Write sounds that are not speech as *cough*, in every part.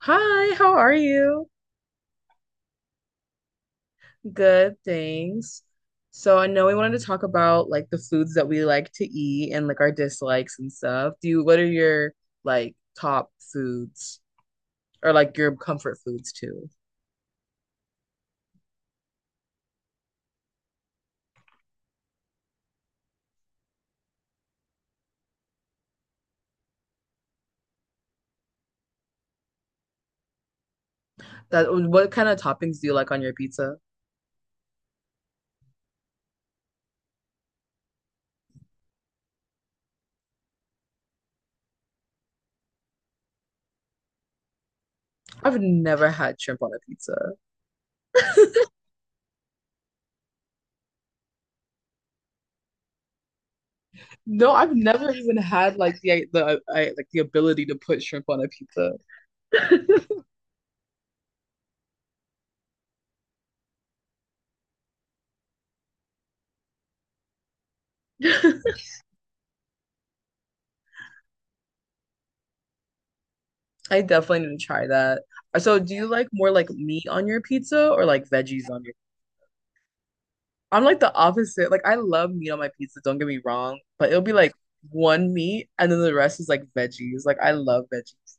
Hi, how are you? Good, thanks. So I know we wanted to talk about like the foods that we like to eat and like our dislikes and stuff. What are your like top foods or like your comfort foods too? That what kind of toppings do you like on your pizza? I've never had shrimp on a pizza. *laughs* No, I've never even had like the like the ability to put shrimp on a pizza. *laughs* I definitely need to try that. So, do you like more like meat on your pizza or like veggies on your? I'm like the opposite. Like, I love meat on my pizza, don't get me wrong, but it'll be like one meat and then the rest is like veggies. Like, I love veggies.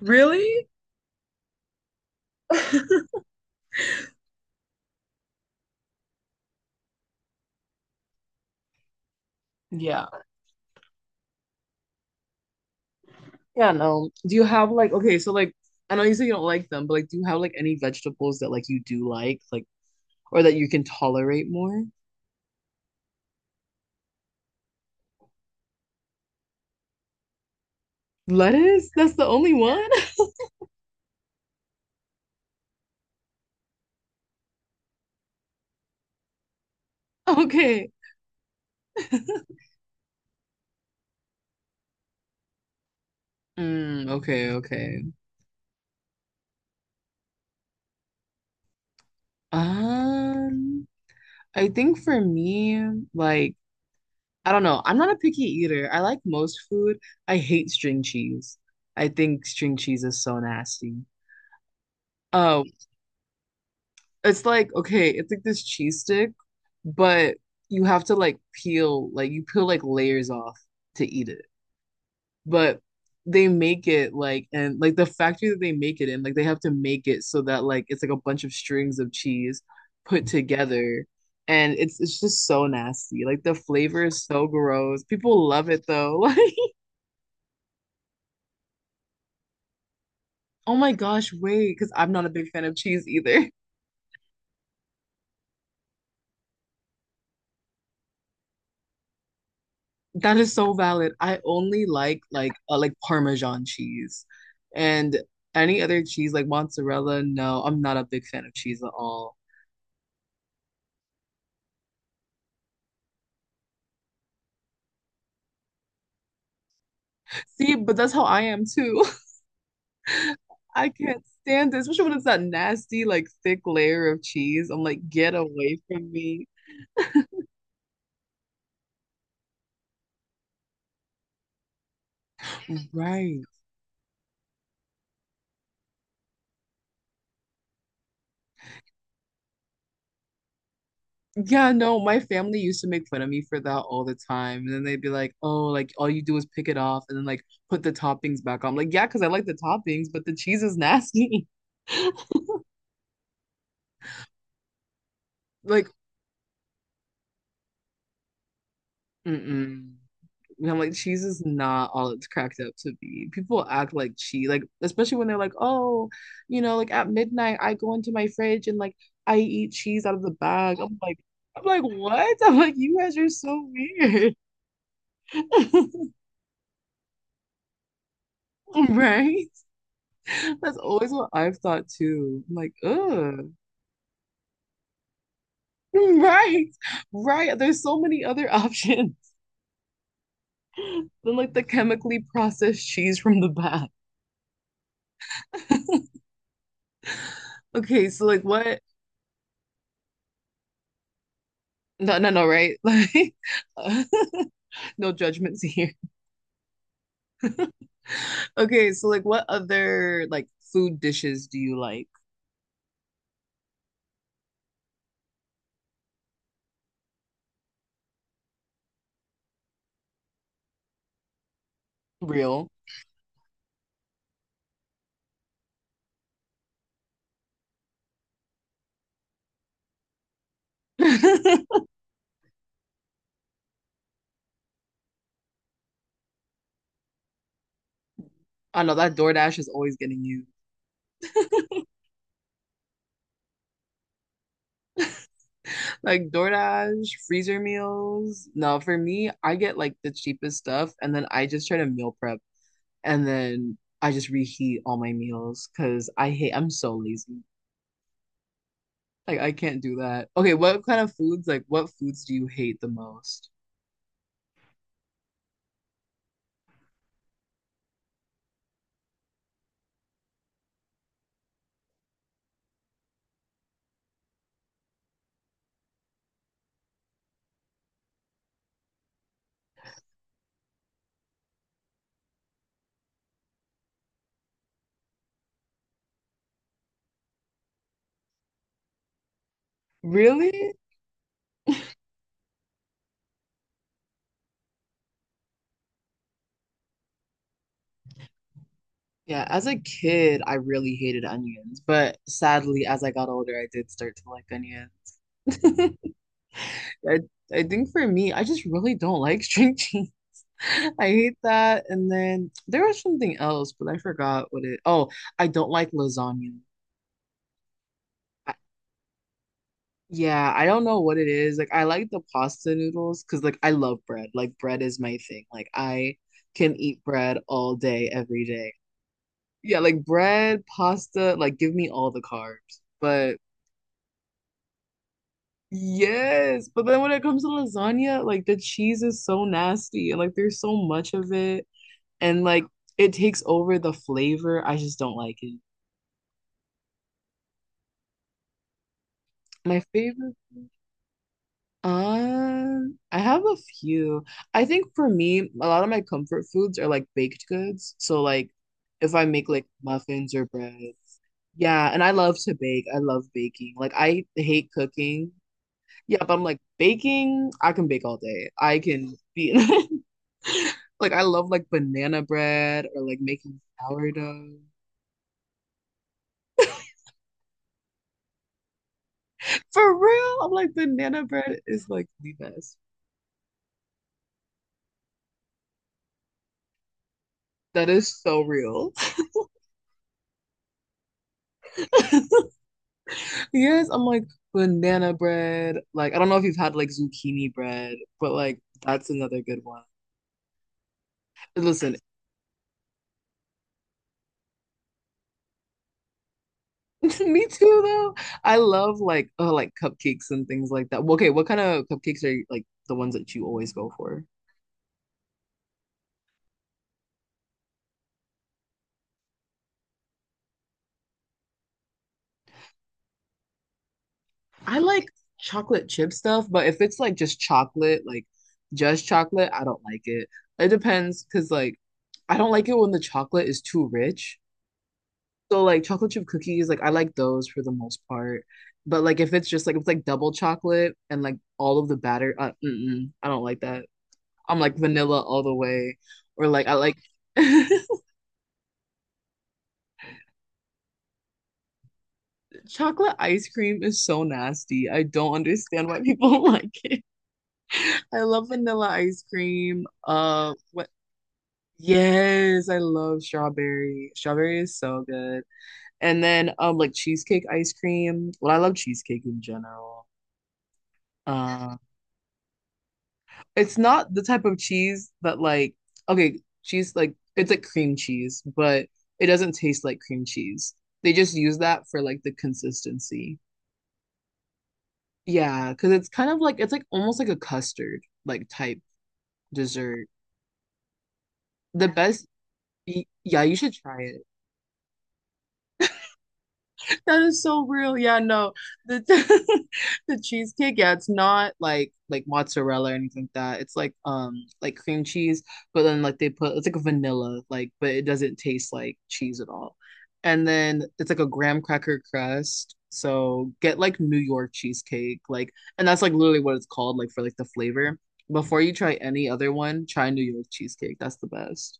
Really? Yeah. Yeah, no. Do you have like okay, so like I know you say you don't like them, but like do you have like any vegetables that like you do like or that you can tolerate more? Lettuce? That's the only one? *laughs* Okay. Mm, okay, okay. Um, I think for me, like, I don't know. I'm not a picky eater. I like most food. I hate string cheese. I think string cheese is so nasty. Um, it's like, okay, it's like this cheese stick, but you have to like peel, like you peel like layers off to eat it. But they make it like and like the factory that they make it in like they have to make it so that like it's like a bunch of strings of cheese put together, and it's just so nasty, like the flavor is so gross. People love it though. *laughs* Like, oh my gosh, wait, because I'm not a big fan of cheese either. *laughs* That is so valid. I only like Parmesan cheese, and any other cheese like mozzarella, no, I'm not a big fan of cheese at all. See, but that's how I am too. *laughs* I can't stand this, especially when it's that nasty, like thick layer of cheese. I'm like, get away from me. Right. Yeah, no, my family used to make fun of me for that all the time. And then they'd be like, oh, like all you do is pick it off and then like put the toppings back on. I'm like, yeah, because I like the toppings, but the cheese is nasty. *laughs* Like, mm-mm. And I'm like, cheese is not all it's cracked up to be. People act like cheese, like especially when they're like, oh, like at midnight I go into my fridge and like I eat cheese out of the bag. I'm like, what? I'm like, you guys are so weird. *laughs* Right? That's always what I've thought too. I'm like, ugh. *laughs* Right. Right. There's so many other options *laughs* than like the chemically processed cheese from the bag. *laughs* Okay, so like what. No, no, no, right? *laughs* Like, uh, *laughs* no judgments here. *laughs* Okay, so like, what other like food dishes do you like? Real. *laughs* I know that DoorDash is always getting you. Like DoorDash, freezer meals. No, for me, I get like the cheapest stuff and then I just try to meal prep, and then I just reheat all my meals because I hate, I'm so lazy. Like I can't do that. Okay, what kind of foods, like what foods do you hate the most? Really? Yeah, as a kid, I really hated onions, but sadly, as I got older, I did start to like onions. I, I think for me, I just really don't like string cheese. *laughs* I hate that. And then there was something else, but I forgot what it. Oh, I don't like lasagna. I, yeah, I don't know what it is. Like I like the pasta noodles because like I love bread. Like bread is my thing. Like I can eat bread all day, every day. Yeah, like bread, pasta, like give me all the carbs. But Yes, but then when it comes to lasagna, like the cheese is so nasty and like there's so much of it, and like it takes over the flavor. I just don't like it. My favorite I have a few. I think for me, a lot of my comfort foods are like baked goods. So like if I make like muffins or bread. Yeah, and I love to bake. I love baking. Like I hate cooking. Yeah, but I'm like baking, I can bake all day. I can be. *laughs* Like I love like banana bread or like making sourdough. For real, I'm like banana bread is like the best. That is so real. *laughs* Yes, I'm like banana bread. Like I don't know if you've had like zucchini bread, but like that's another good one. Listen, *laughs* me too though. I love like cupcakes and things like that. Well, okay, what kind of cupcakes are you, like the ones that you always go for? I like chocolate chip stuff, but if it's like just chocolate, I don't like it. It depends because like I don't like it when the chocolate is too rich. So like chocolate chip cookies, like I like those for the most part. But like if it's just like if it's like double chocolate and like all of the batter, mm-mm, I don't like that. I'm like vanilla all the way, or like I like. *laughs* Chocolate ice cream is so nasty. I don't understand why people *laughs* like it. *laughs* I love vanilla ice cream. What? Yes, I love strawberry. Strawberry is so good. And then like cheesecake ice cream. Well, I love cheesecake in general. Uh, it's not the type of cheese that like okay, cheese like it's like cream cheese, but it doesn't taste like cream cheese. They just use that for like the consistency. Yeah, because it's kind of like it's like almost like a custard like type dessert. The best, yeah, you should try it. That is so real. Yeah, no. The. *laughs* The cheesecake, yeah, it's not like like mozzarella or anything like that. It's like cream cheese, but then like they put it's like a vanilla, like but it doesn't taste like cheese at all. And then it's like a graham cracker crust. So get like New York cheesecake, like and that's like literally what it's called, like for like the flavor. Before you try any other one, try New York cheesecake. That's the best.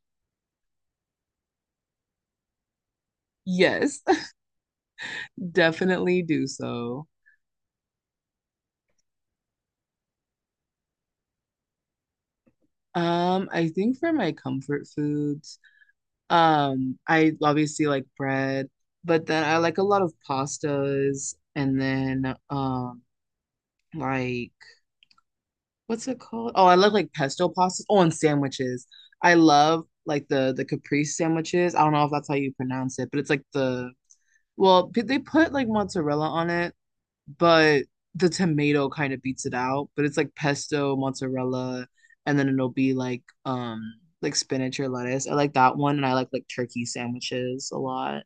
Yes, *laughs* definitely do so. I think for my comfort foods, I obviously like bread, but then I like a lot of pastas and then like what's it called? Oh, I love like pesto pastas. Oh, and sandwiches. I love like the caprese sandwiches. I don't know if that's how you pronounce it, but it's like the well, they put like mozzarella on it, but the tomato kind of beats it out. But it's like pesto, mozzarella, and then it'll be like spinach or lettuce. I like that one, and I like turkey sandwiches a lot.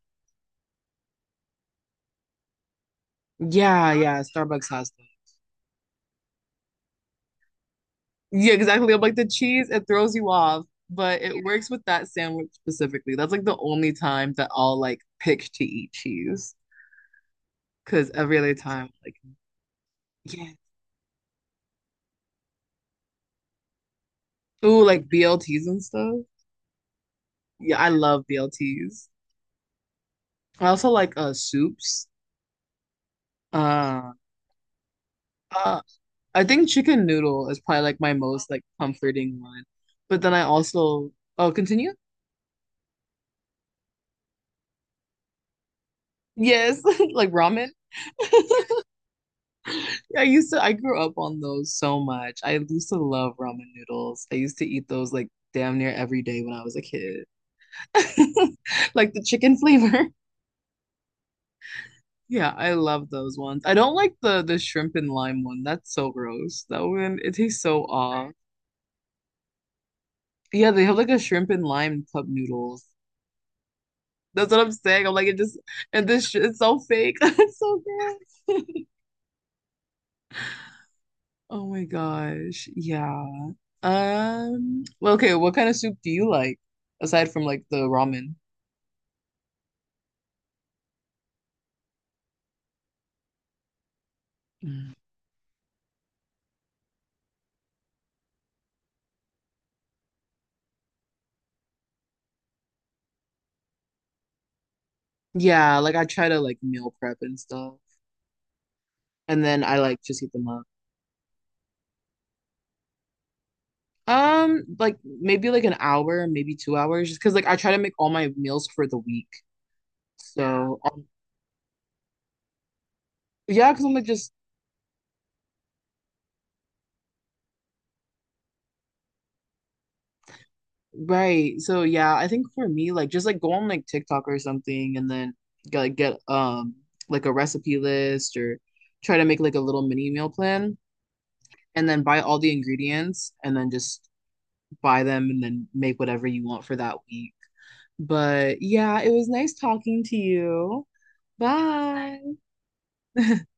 Yeah, yeah, Starbucks has that. Yeah, exactly. I'm like the cheese, it throws you off, but it works with that sandwich specifically. That's like the only time that I'll like pick to eat cheese, because every other time, like yeah, ooh, like BLTs and stuff. Yeah, I love BLTs. I also like soups. Um, Uh, I think chicken noodle is probably like my most like comforting one. But then I also, oh, continue? Yes, *laughs* like ramen. *laughs* I used to I grew up on those so much. I used to love ramen noodles. I used to eat those like damn near every day when I was a kid. *laughs* Like the chicken flavor. *laughs* Yeah, I love those ones. I don't like the shrimp and lime one. That's so gross. That one it tastes so off. Yeah, they have like a shrimp and lime cup noodles. That's what I'm saying. I'm like, it just and this shit is so fake. *laughs* It's so bad. *laughs* Oh my gosh. Yeah. Well, okay, what kind of soup do you like aside from like the ramen? Mm. Yeah, like I try to like meal prep and stuff, and then I like just heat them up. Like maybe like an hour, maybe 2 hours, just because like I try to make all my meals for the week. So yeah, because I'm like just. Right. So yeah, I think for me, like just like go on like TikTok or something and then get like a recipe list or try to make like a little mini meal plan and then buy all the ingredients and then just buy them and then make whatever you want for that week. But yeah, it was nice talking to you. Bye. *laughs*